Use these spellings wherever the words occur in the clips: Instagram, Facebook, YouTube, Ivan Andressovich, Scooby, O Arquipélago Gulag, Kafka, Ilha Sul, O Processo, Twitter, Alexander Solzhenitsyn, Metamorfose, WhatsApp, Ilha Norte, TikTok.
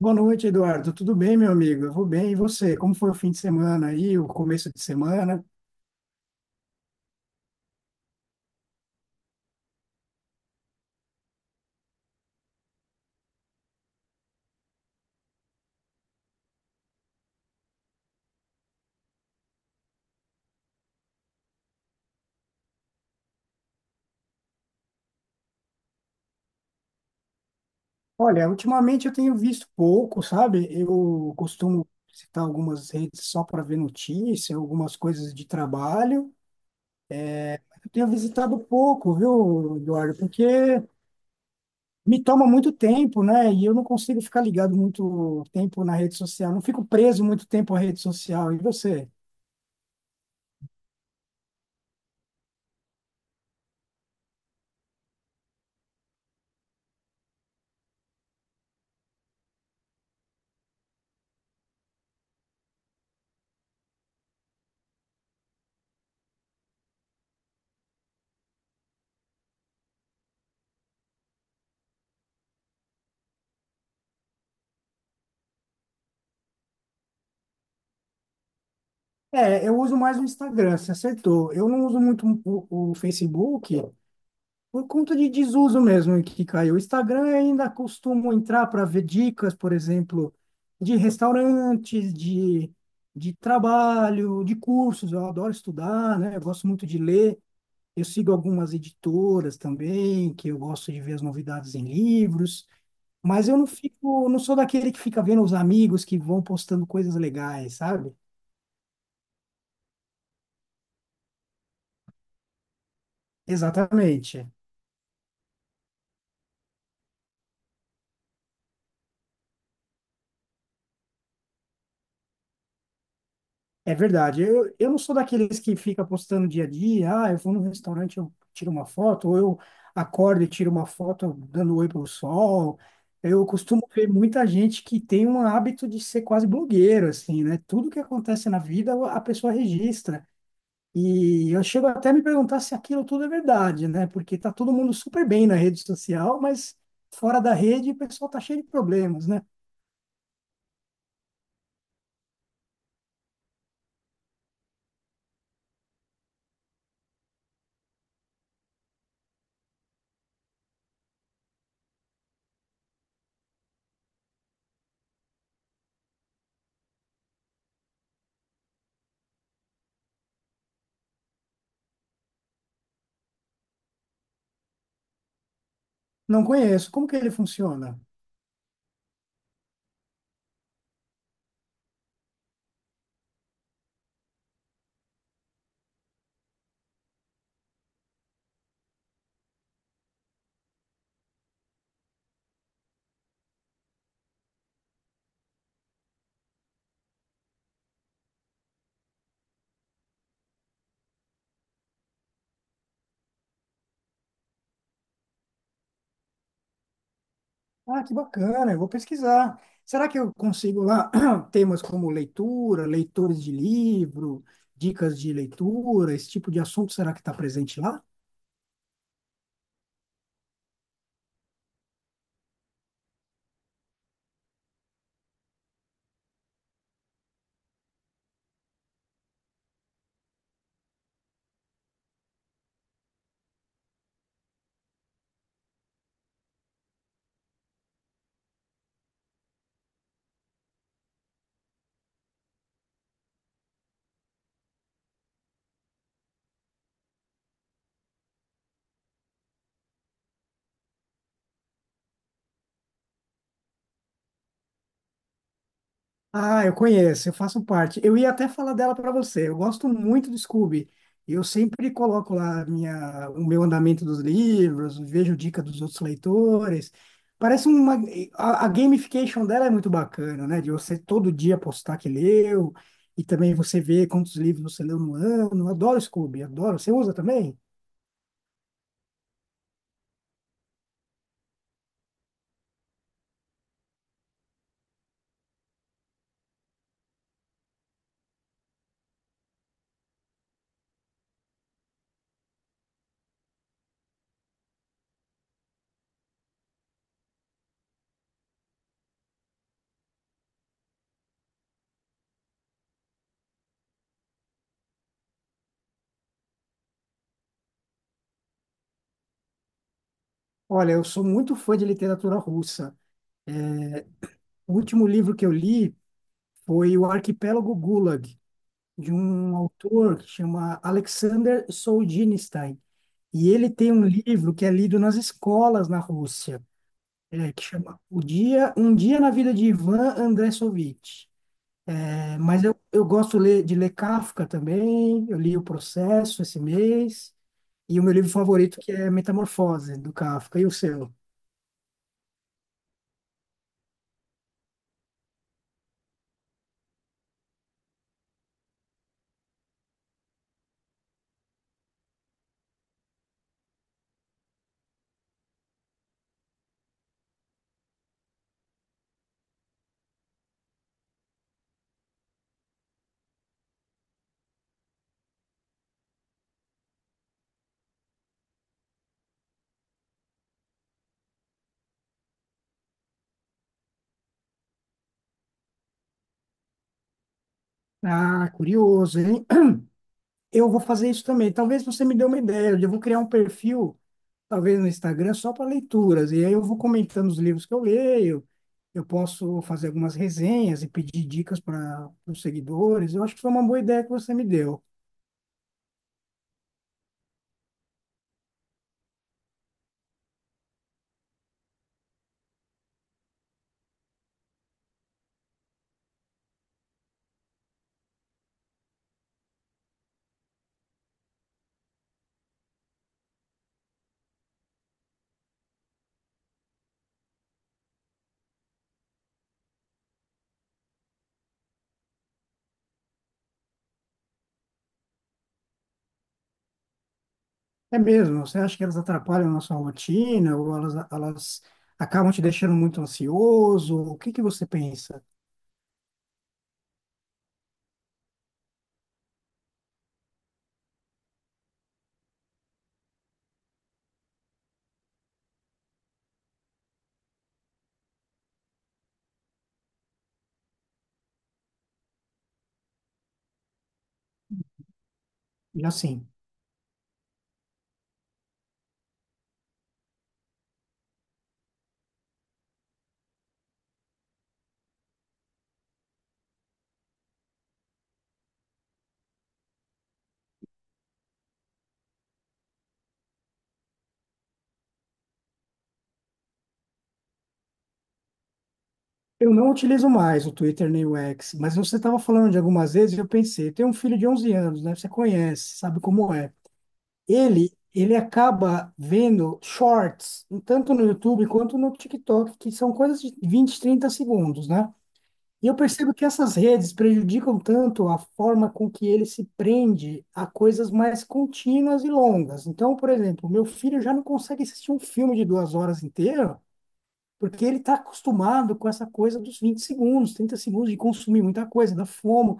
Boa noite, Eduardo. Tudo bem, meu amigo? Eu vou bem. E você? Como foi o fim de semana aí, o começo de semana? Olha, ultimamente eu tenho visto pouco, sabe? Eu costumo visitar algumas redes só para ver notícia, algumas coisas de trabalho. Eu tenho visitado pouco, viu, Eduardo? Porque me toma muito tempo, né? E eu não consigo ficar ligado muito tempo na rede social. Não fico preso muito tempo à rede social. E você? É, eu uso mais o Instagram, você acertou. Eu não uso muito o Facebook, por conta de desuso mesmo que caiu. O Instagram eu ainda costumo entrar para ver dicas, por exemplo, de restaurantes, de trabalho, de cursos. Eu adoro estudar, né? Eu gosto muito de ler. Eu sigo algumas editoras também, que eu gosto de ver as novidades em livros, mas eu não fico, não sou daquele que fica vendo os amigos que vão postando coisas legais, sabe? Exatamente. É verdade. Eu não sou daqueles que fica postando dia a dia. Ah, eu vou num restaurante, eu tiro uma foto, ou eu acordo e tiro uma foto dando oi pro sol. Eu costumo ver muita gente que tem um hábito de ser quase blogueiro, assim, né? Tudo que acontece na vida, a pessoa registra. E eu chego até a me perguntar se aquilo tudo é verdade, né? Porque tá todo mundo super bem na rede social, mas fora da rede o pessoal tá cheio de problemas, né? Não conheço. Como que ele funciona? Ah, que bacana, eu vou pesquisar. Será que eu consigo lá temas como leitura, leitores de livro, dicas de leitura, esse tipo de assunto, será que está presente lá? Ah, eu conheço, eu faço parte. Eu ia até falar dela para você. Eu gosto muito do Scooby. Eu sempre coloco lá a minha, o meu andamento dos livros, vejo dica dos outros leitores. Parece uma. A gamification dela é muito bacana, né? De você todo dia postar que leu, e também você ver quantos livros você leu no ano. Eu adoro Scooby, adoro. Você usa também? Olha, eu sou muito fã de literatura russa. O último livro que eu li foi O Arquipélago Gulag, de um autor que chama Alexander Solzhenitsyn. E ele tem um livro que é lido nas escolas na Rússia, é, que chama O Dia, Um Dia na Vida de Ivan Andressovich. É, mas eu gosto de ler Kafka também. Eu li O Processo esse mês, e o meu livro favorito, que é Metamorfose, do Kafka. E o seu? Ah, curioso, hein? Eu vou fazer isso também. Talvez você me dê uma ideia, eu vou criar um perfil talvez no Instagram, só para leituras. E aí eu vou comentando os livros que eu leio, eu posso fazer algumas resenhas e pedir dicas para os seguidores. Eu acho que foi uma boa ideia que você me deu. É mesmo, você acha que elas atrapalham a nossa rotina ou elas acabam te deixando muito ansioso? O que que você pensa? Já sim. Eu não utilizo mais o Twitter nem o X, mas você estava falando de algumas vezes e eu pensei, tem um filho de 11 anos, né? Você conhece, sabe como é. Ele acaba vendo shorts, tanto no YouTube quanto no TikTok, que são coisas de 20, 30 segundos, né? E eu percebo que essas redes prejudicam tanto a forma com que ele se prende a coisas mais contínuas e longas. Então, por exemplo, meu filho já não consegue assistir um filme de 2 horas inteiras porque ele está acostumado com essa coisa dos 20 segundos, 30 segundos de consumir muita coisa, da fome,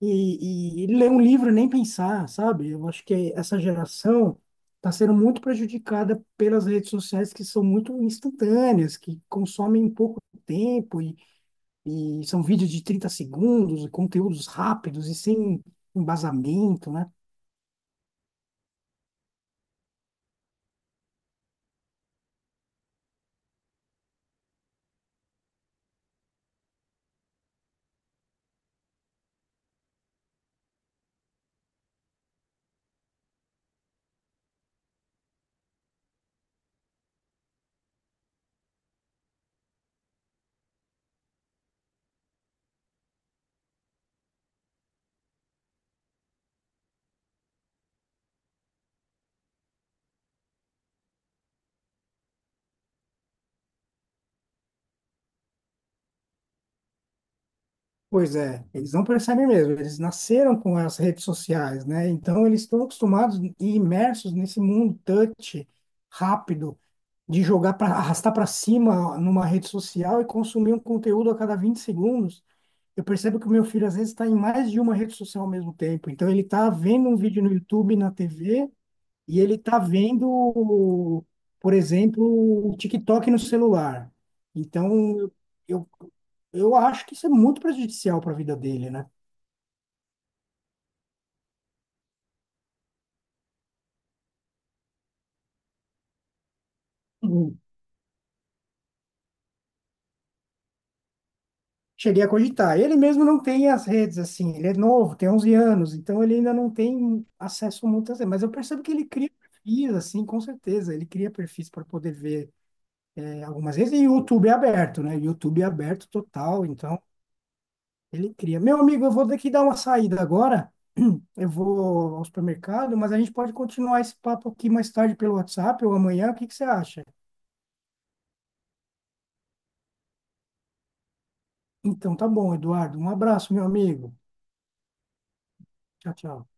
e, ele lê um livro e nem pensar, sabe? Eu acho que essa geração está sendo muito prejudicada pelas redes sociais que são muito instantâneas, que consomem em pouco tempo, e, são vídeos de 30 segundos, conteúdos rápidos e sem embasamento, né? Pois é, eles não percebem mesmo, eles nasceram com as redes sociais, né? Então eles estão acostumados e imersos nesse mundo touch rápido de jogar para arrastar para cima numa rede social e consumir um conteúdo a cada 20 segundos. Eu percebo que o meu filho às vezes está em mais de uma rede social ao mesmo tempo. Então ele está vendo um vídeo no YouTube, na TV, e ele está vendo, por exemplo, o TikTok no celular. Então, eu, eu acho que isso é muito prejudicial para a vida dele, né? Hum. Cheguei a cogitar. Ele mesmo não tem as redes, assim, ele é novo, tem 11 anos, então ele ainda não tem acesso a muitas redes. Mas eu percebo que ele cria perfis, assim, com certeza. Ele cria perfis para poder ver é, algumas redes. E o YouTube é aberto, né? YouTube é aberto total, então ele cria. Meu amigo, eu vou ter que dar uma saída agora. Eu vou ao supermercado, mas a gente pode continuar esse papo aqui mais tarde pelo WhatsApp ou amanhã. O que que você acha? Então, tá bom, Eduardo. Um abraço, meu amigo. Tchau, tchau.